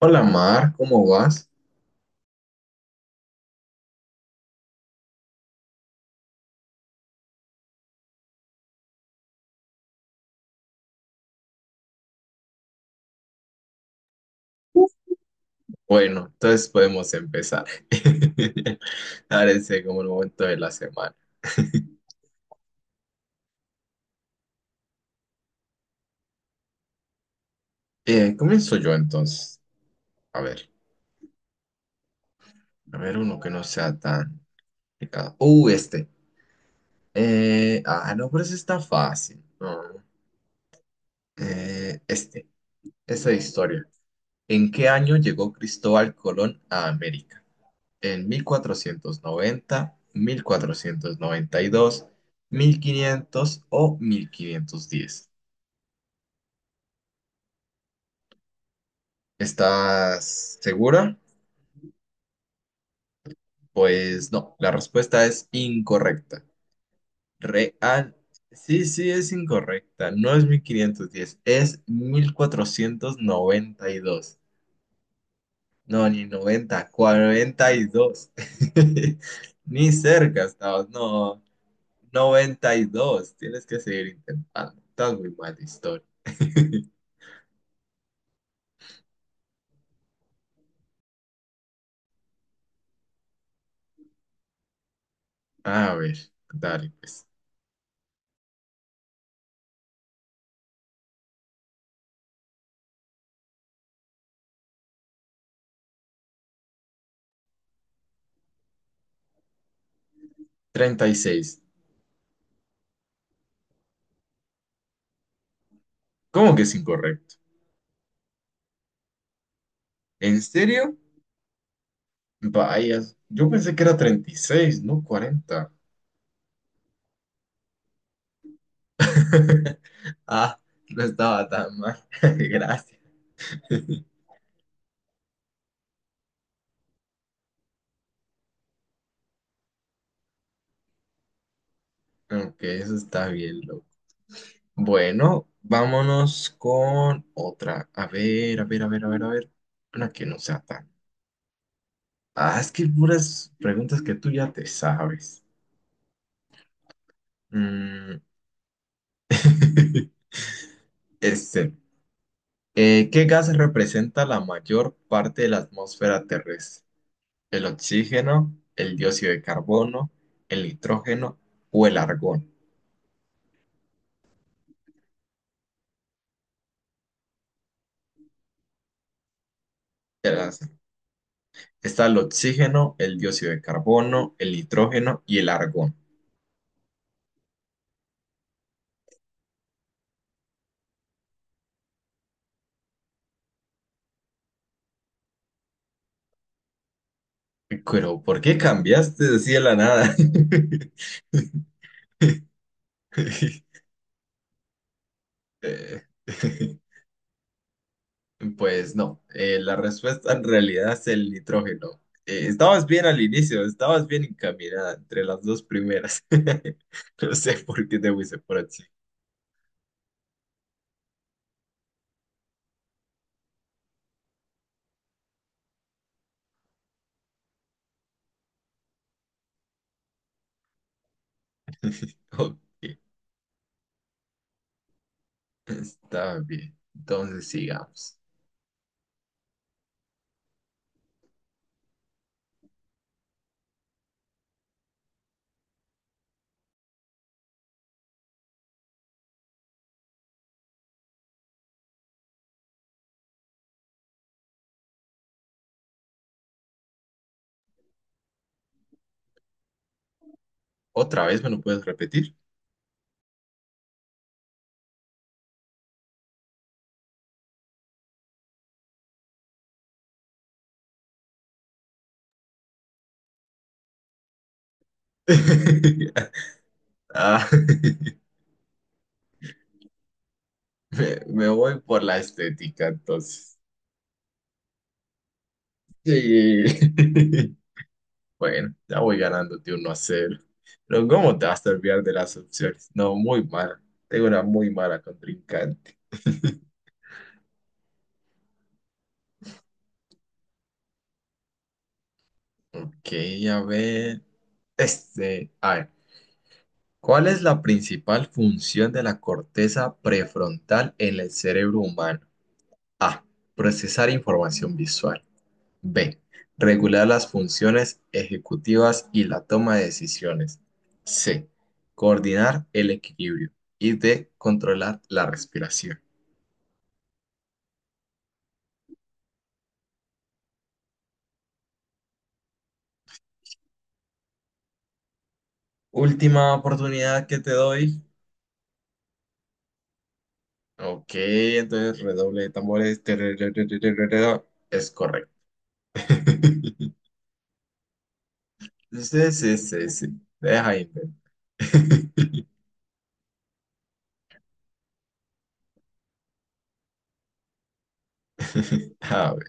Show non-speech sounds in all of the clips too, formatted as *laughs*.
Hola Mar, ¿cómo vas? Bueno, entonces podemos empezar. *laughs* Parece como el momento de la semana. Comienzo yo entonces. A ver, a ver uno que no sea tan complicado. Este. No, pero ese está fácil. No. Este, esa historia. ¿En qué año llegó Cristóbal Colón a América? ¿En mil cuatrocientos noventa, 1492 1500 o 1510. ¿Estás segura? Pues no, la respuesta es incorrecta. Real. Sí, sí, es incorrecta. No es 1510, es 1492. No, ni 90, 42, *laughs* ni cerca estabas. No, 92. Tienes que seguir intentando. Estás muy mal, de historia. A ver, dale, pues. 36. ¿Cómo que es incorrecto? ¿En serio? Vaya, yo pensé que era 36, no 40. *laughs* Ah, no estaba tan mal. *laughs* Gracias. Ok, eso está bien, loco. Bueno, vámonos con otra. A ver, a ver, a ver, a ver, a ver. Una que no sea tan. Ah, es que hay puras preguntas que tú ya te sabes. Mm, *laughs* Este. ¿Qué gas representa la mayor parte de la atmósfera terrestre? El oxígeno, el dióxido de carbono, el nitrógeno o el argón. Te las- Está el oxígeno, el dióxido de carbono, el nitrógeno y el argón. Pero, ¿por qué cambiaste así de la nada? *laughs* Eh, *laughs* Pues no, la respuesta en realidad es el nitrógeno. Estabas bien al inicio, estabas bien encaminada entre las dos primeras. *laughs* No sé por qué te fuiste por así. *laughs* Ok. Está bien. Entonces sigamos. ¿Otra vez me lo puedes repetir? *laughs* Ah, *laughs* me voy por la estética, entonces. Sí. *laughs* Bueno, ya voy ganándote 1-0. Pero ¿cómo te vas a olvidar de las opciones? No, muy mala. Tengo una muy mala contrincante. Ok, a ver. Este, a ver. ¿Cuál es la principal función de la corteza prefrontal en el cerebro humano? A. Procesar información visual. B. Regular las funciones ejecutivas y la toma de decisiones. C. Coordinar el equilibrio. Y D. Controlar la respiración. Última oportunidad que te doy. Ok, entonces redoble de tambores. Es correcto. *laughs* Sí, sí, sí, sí. Deja inventar. *laughs* A ver,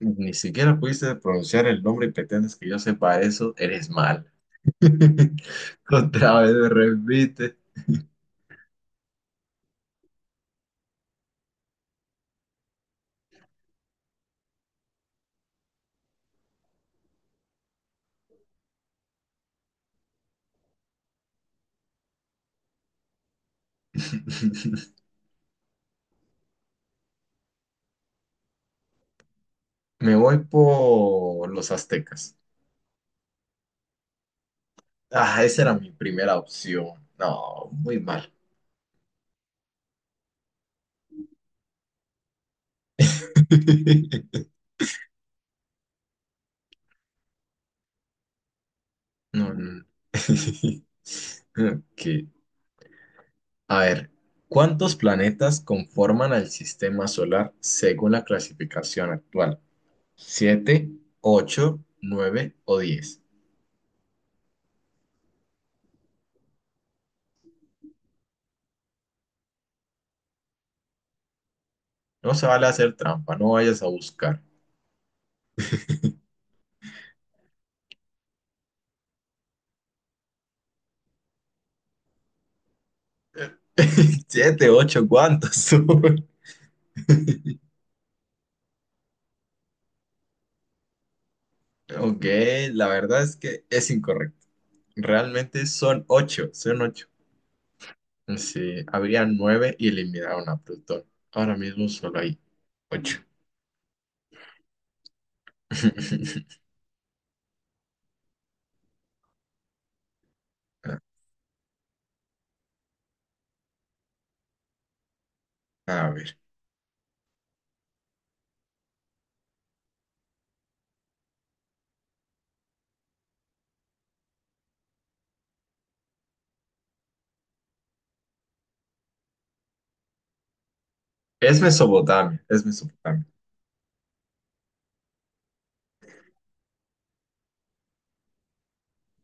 ni siquiera pudiste pronunciar el nombre y pretendes que yo sepa eso. Eres mal. *laughs* Otra vez me repite. *laughs* Me voy por los aztecas. Ah, esa era mi primera opción. No, muy mal. *laughs* No, no. *laughs* Ok. A ver, ¿cuántos planetas conforman el sistema solar según la clasificación actual? ¿Siete, ocho, nueve o 10? No se vale hacer trampa, no vayas a buscar. *laughs* ¿Siete, ocho, cuántos *laughs* son? Ok, la verdad es que es incorrecto. Realmente son ocho, son ocho. Sí, habría nueve y eliminaron a Plutón. Ahora mismo solo hay ocho. *laughs* A ver. Es Mesopotamia, es Mesopotamia.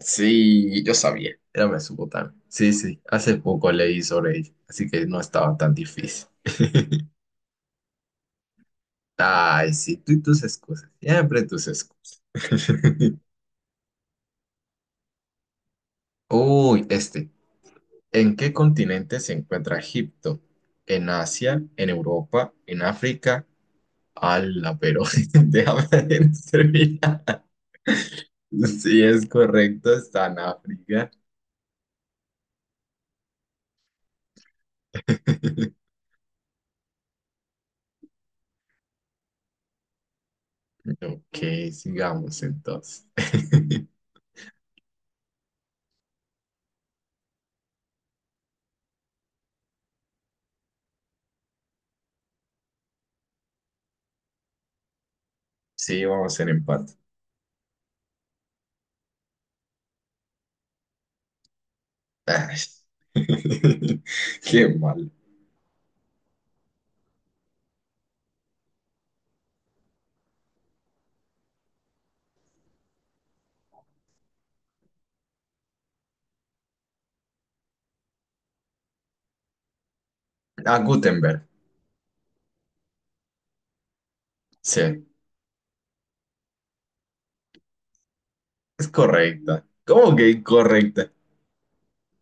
Sí, yo sabía. Era Mesopotamia. Sí, sí, hace poco leí sobre ella, así que no estaba tan difícil. Ay, sí, tú y tus excusas. Siempre tus excusas. *laughs* Uy, este. ¿En qué continente se encuentra Egipto? ¿En Asia? ¿En Europa? ¿En África? ¡Hala, pero *laughs* déjame terminar! Sí, es correcto, está en África. *laughs* Ok, sigamos entonces. *laughs* Sí, vamos en empate. Ay, *laughs* qué mal. A Gutenberg. Sí, es correcta. ¿Cómo que incorrecta?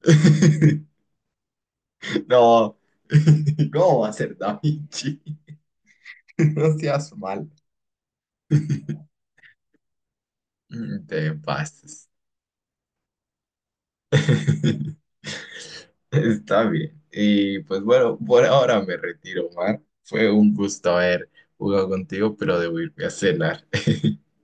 *laughs* No. *laughs* ¿Cómo va a ser Da Vinci? *laughs* No seas mal. *laughs* Te pases. *laughs* Está bien. Y pues bueno, por ahora me retiro, Omar. Fue un gusto haber jugado contigo, pero debo irme a cenar. *laughs*